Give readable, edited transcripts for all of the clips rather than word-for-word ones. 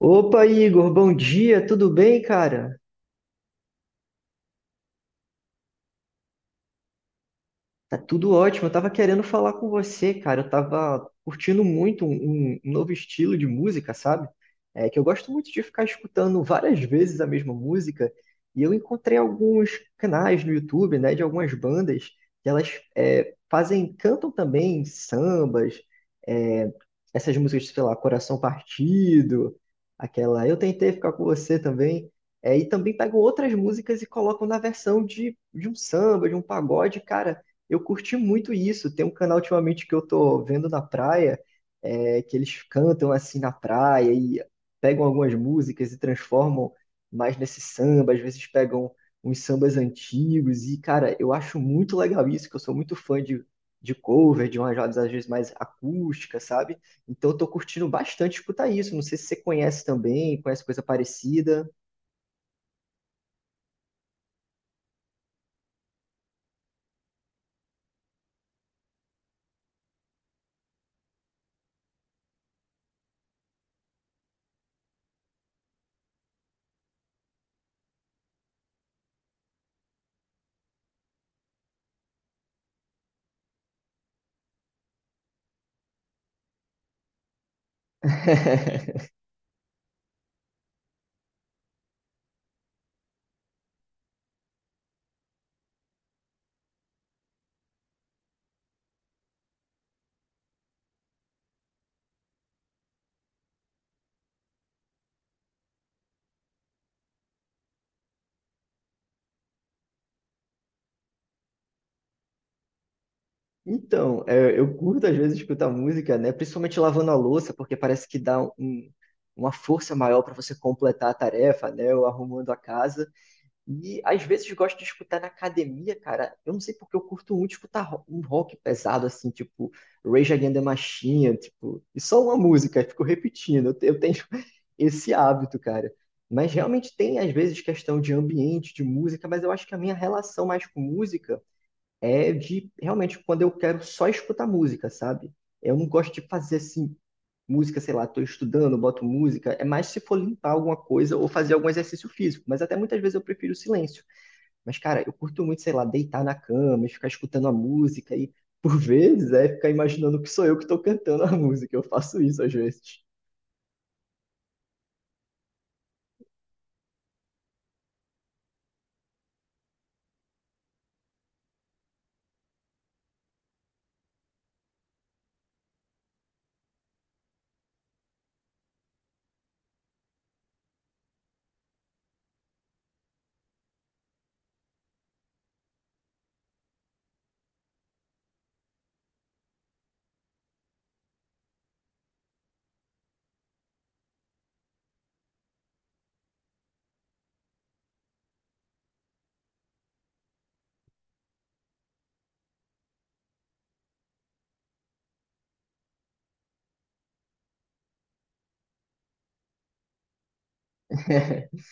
Opa, Igor, bom dia, tudo bem, cara? Tá tudo ótimo. Eu tava querendo falar com você, cara. Eu tava curtindo muito um novo estilo de música, sabe? É que eu gosto muito de ficar escutando várias vezes a mesma música. E eu encontrei alguns canais no YouTube, né, de algumas bandas que elas fazem, cantam também sambas, é, essas músicas, sei lá, Coração Partido, aquela Eu Tentei Ficar Com Você também. É, e também pegam outras músicas e colocam na versão de um samba, de um pagode, cara. Eu curti muito isso. Tem um canal ultimamente que eu tô vendo na praia, que eles cantam assim na praia e pegam algumas músicas e transformam mais nesse samba, às vezes pegam uns sambas antigos. E, cara, eu acho muito legal isso, que eu sou muito fã de cover, de umas rodas às vezes mais acústica, sabe? Então eu tô curtindo bastante escutar isso. Não sei se você conhece também, conhece coisa parecida. Então, é, eu curto às vezes escutar música, né? Principalmente lavando a louça, porque parece que dá uma força maior para você completar a tarefa, né? Ou arrumando a casa. E às vezes gosto de escutar na academia, cara. Eu não sei porque eu curto muito escutar um rock pesado, assim, tipo Rage Against the Machine, tipo, e só uma música, eu fico repetindo. Eu tenho esse hábito, cara. Mas realmente tem às vezes questão de ambiente, de música, mas eu acho que a minha relação mais com música é de realmente quando eu quero só escutar música, sabe? Eu não gosto de fazer assim, música, sei lá, tô estudando, boto música. É mais se for limpar alguma coisa ou fazer algum exercício físico. Mas até muitas vezes eu prefiro o silêncio. Mas, cara, eu curto muito, sei lá, deitar na cama e ficar escutando a música e. Por vezes é ficar imaginando que sou eu que estou cantando a música, eu faço isso às vezes.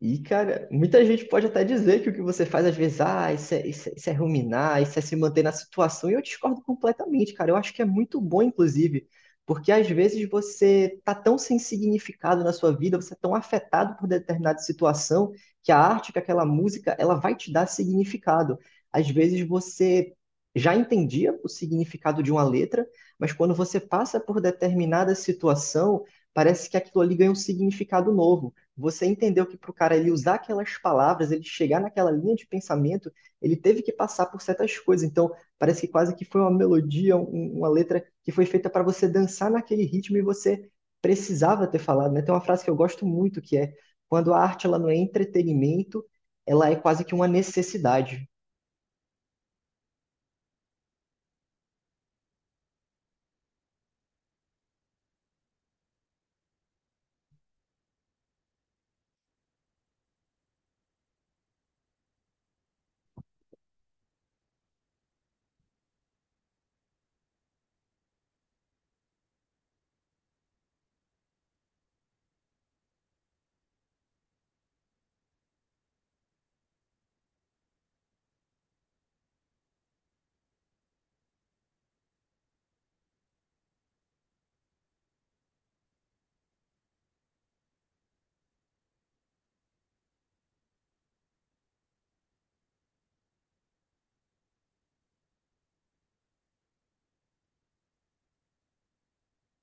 E, cara, muita gente pode até dizer que o que você faz às vezes, ah, isso é ruminar, isso é se manter na situação, e eu discordo completamente, cara. Eu acho que é muito bom, inclusive, porque às vezes você tá tão sem significado na sua vida, você é tão afetado por determinada situação, que a arte, que aquela música, ela vai te dar significado. Às vezes você já entendia o significado de uma letra, mas quando você passa por determinada situação, parece que aquilo ali ganha um significado novo. Você entendeu que para o cara ele usar aquelas palavras, ele chegar naquela linha de pensamento, ele teve que passar por certas coisas. Então, parece que quase que foi uma melodia, uma letra que foi feita para você dançar naquele ritmo e você precisava ter falado, né? Tem uma frase que eu gosto muito que é: quando a arte ela não é entretenimento, ela é quase que uma necessidade.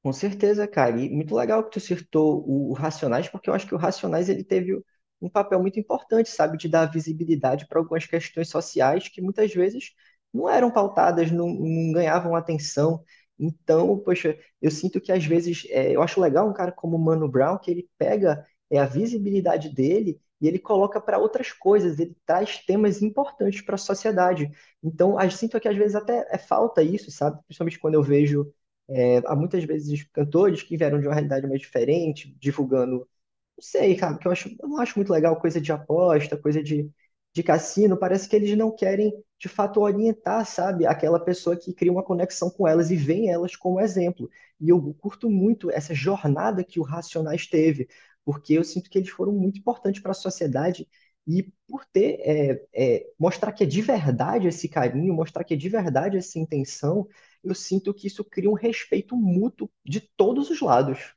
Com certeza, cara. E muito legal que tu citou o Racionais, porque eu acho que o Racionais ele teve um papel muito importante, sabe, de dar visibilidade para algumas questões sociais que muitas vezes não eram pautadas, não ganhavam atenção. Então, poxa, eu sinto que às vezes é, eu acho legal um cara como o Mano Brown que ele pega é, a visibilidade dele e ele coloca para outras coisas. Ele traz temas importantes para a sociedade. Então, eu sinto que às vezes até é falta isso, sabe? Principalmente quando eu vejo é, há muitas vezes cantores que vieram de uma realidade mais diferente, divulgando não sei, cara, porque eu acho, eu não acho muito legal coisa de aposta, coisa de cassino. Parece que eles não querem, de fato, orientar, sabe, aquela pessoa que cria uma conexão com elas e vê elas como exemplo. E eu curto muito essa jornada que o Racionais teve, porque eu sinto que eles foram muito importantes para a sociedade e por ter, mostrar que é de verdade esse carinho, mostrar que é de verdade essa intenção, eu sinto que isso cria um respeito mútuo de todos os lados.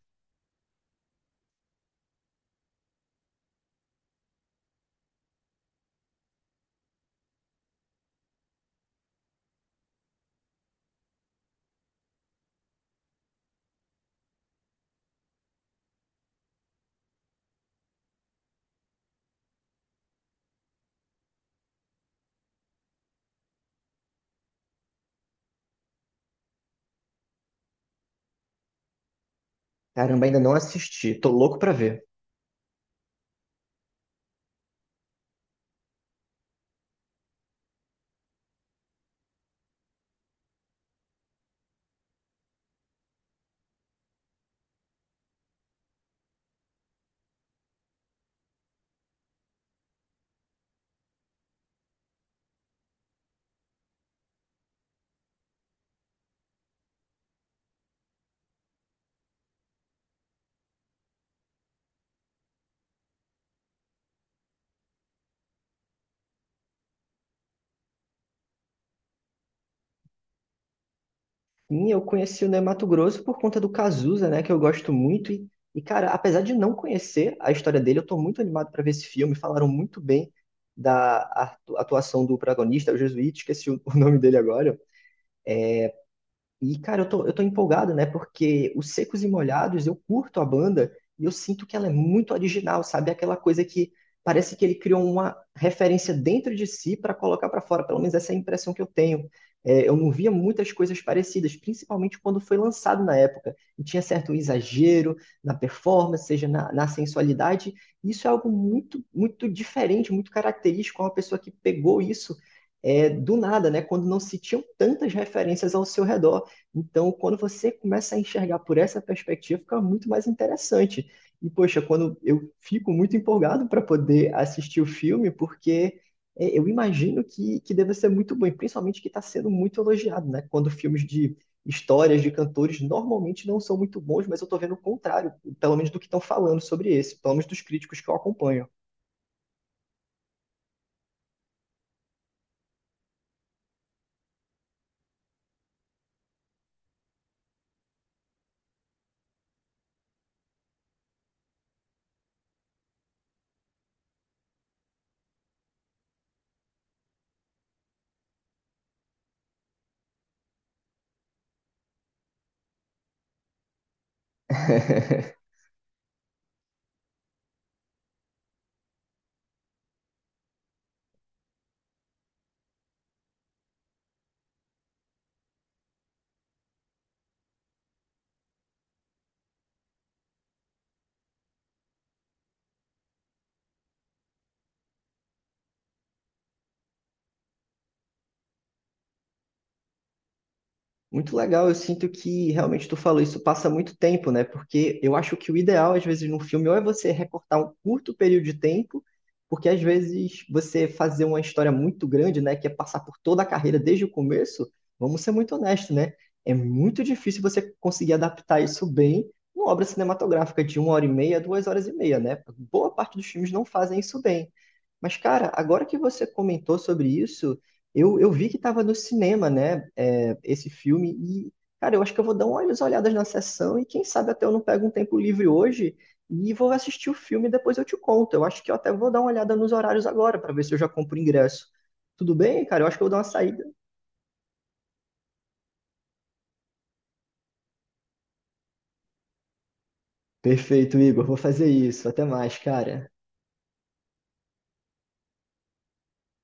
Caramba, ainda não assisti. Tô louco pra ver. Sim, eu conheci o Ney Matogrosso por conta do Cazuza, né, que eu gosto muito. E, cara, apesar de não conhecer a história dele, eu tô muito animado para ver esse filme. Falaram muito bem da atuação do protagonista, o Jesuíta, esqueci o o nome dele agora, e, cara, eu tô empolgado, né? Porque os Secos e Molhados, eu curto a banda e eu sinto que ela é muito original, sabe? Aquela coisa que parece que ele criou uma referência dentro de si para colocar para fora. Pelo menos essa é a impressão que eu tenho. É, eu não via muitas coisas parecidas, principalmente quando foi lançado na época. E tinha certo exagero na performance, seja na sensualidade. Isso é algo muito, muito diferente, muito característico. Uma pessoa que pegou isso é, do nada, né? Quando não se tinham tantas referências ao seu redor. Então, quando você começa a enxergar por essa perspectiva, fica muito mais interessante. E, poxa, quando eu fico muito empolgado para poder assistir o filme, porque é, eu imagino que deve ser muito bom, e principalmente que está sendo muito elogiado, né? Quando filmes de histórias de cantores normalmente não são muito bons, mas eu estou vendo o contrário, pelo menos do que estão falando sobre esse, pelo menos dos críticos que eu acompanho. Muito legal, eu sinto que realmente tu falou isso passa muito tempo, né? Porque eu acho que o ideal, às vezes, num filme, ou é você recortar um curto período de tempo, porque às vezes você fazer uma história muito grande, né? Que é passar por toda a carreira desde o começo, vamos ser muito honestos, né? É muito difícil você conseguir adaptar isso bem numa obra cinematográfica de uma hora e meia, duas horas e meia, né? Boa parte dos filmes não fazem isso bem. Mas, cara, agora que você comentou sobre isso, eu vi que estava no cinema, né, é, esse filme, e, cara, eu acho que eu vou dar umas olhadas na sessão e quem sabe até eu não pego um tempo livre hoje e vou assistir o filme e depois eu te conto. Eu acho que eu até vou dar uma olhada nos horários agora para ver se eu já compro o ingresso. Tudo bem, cara? Eu acho que eu vou dar uma saída. Perfeito, Igor. Vou fazer isso. Até mais, cara.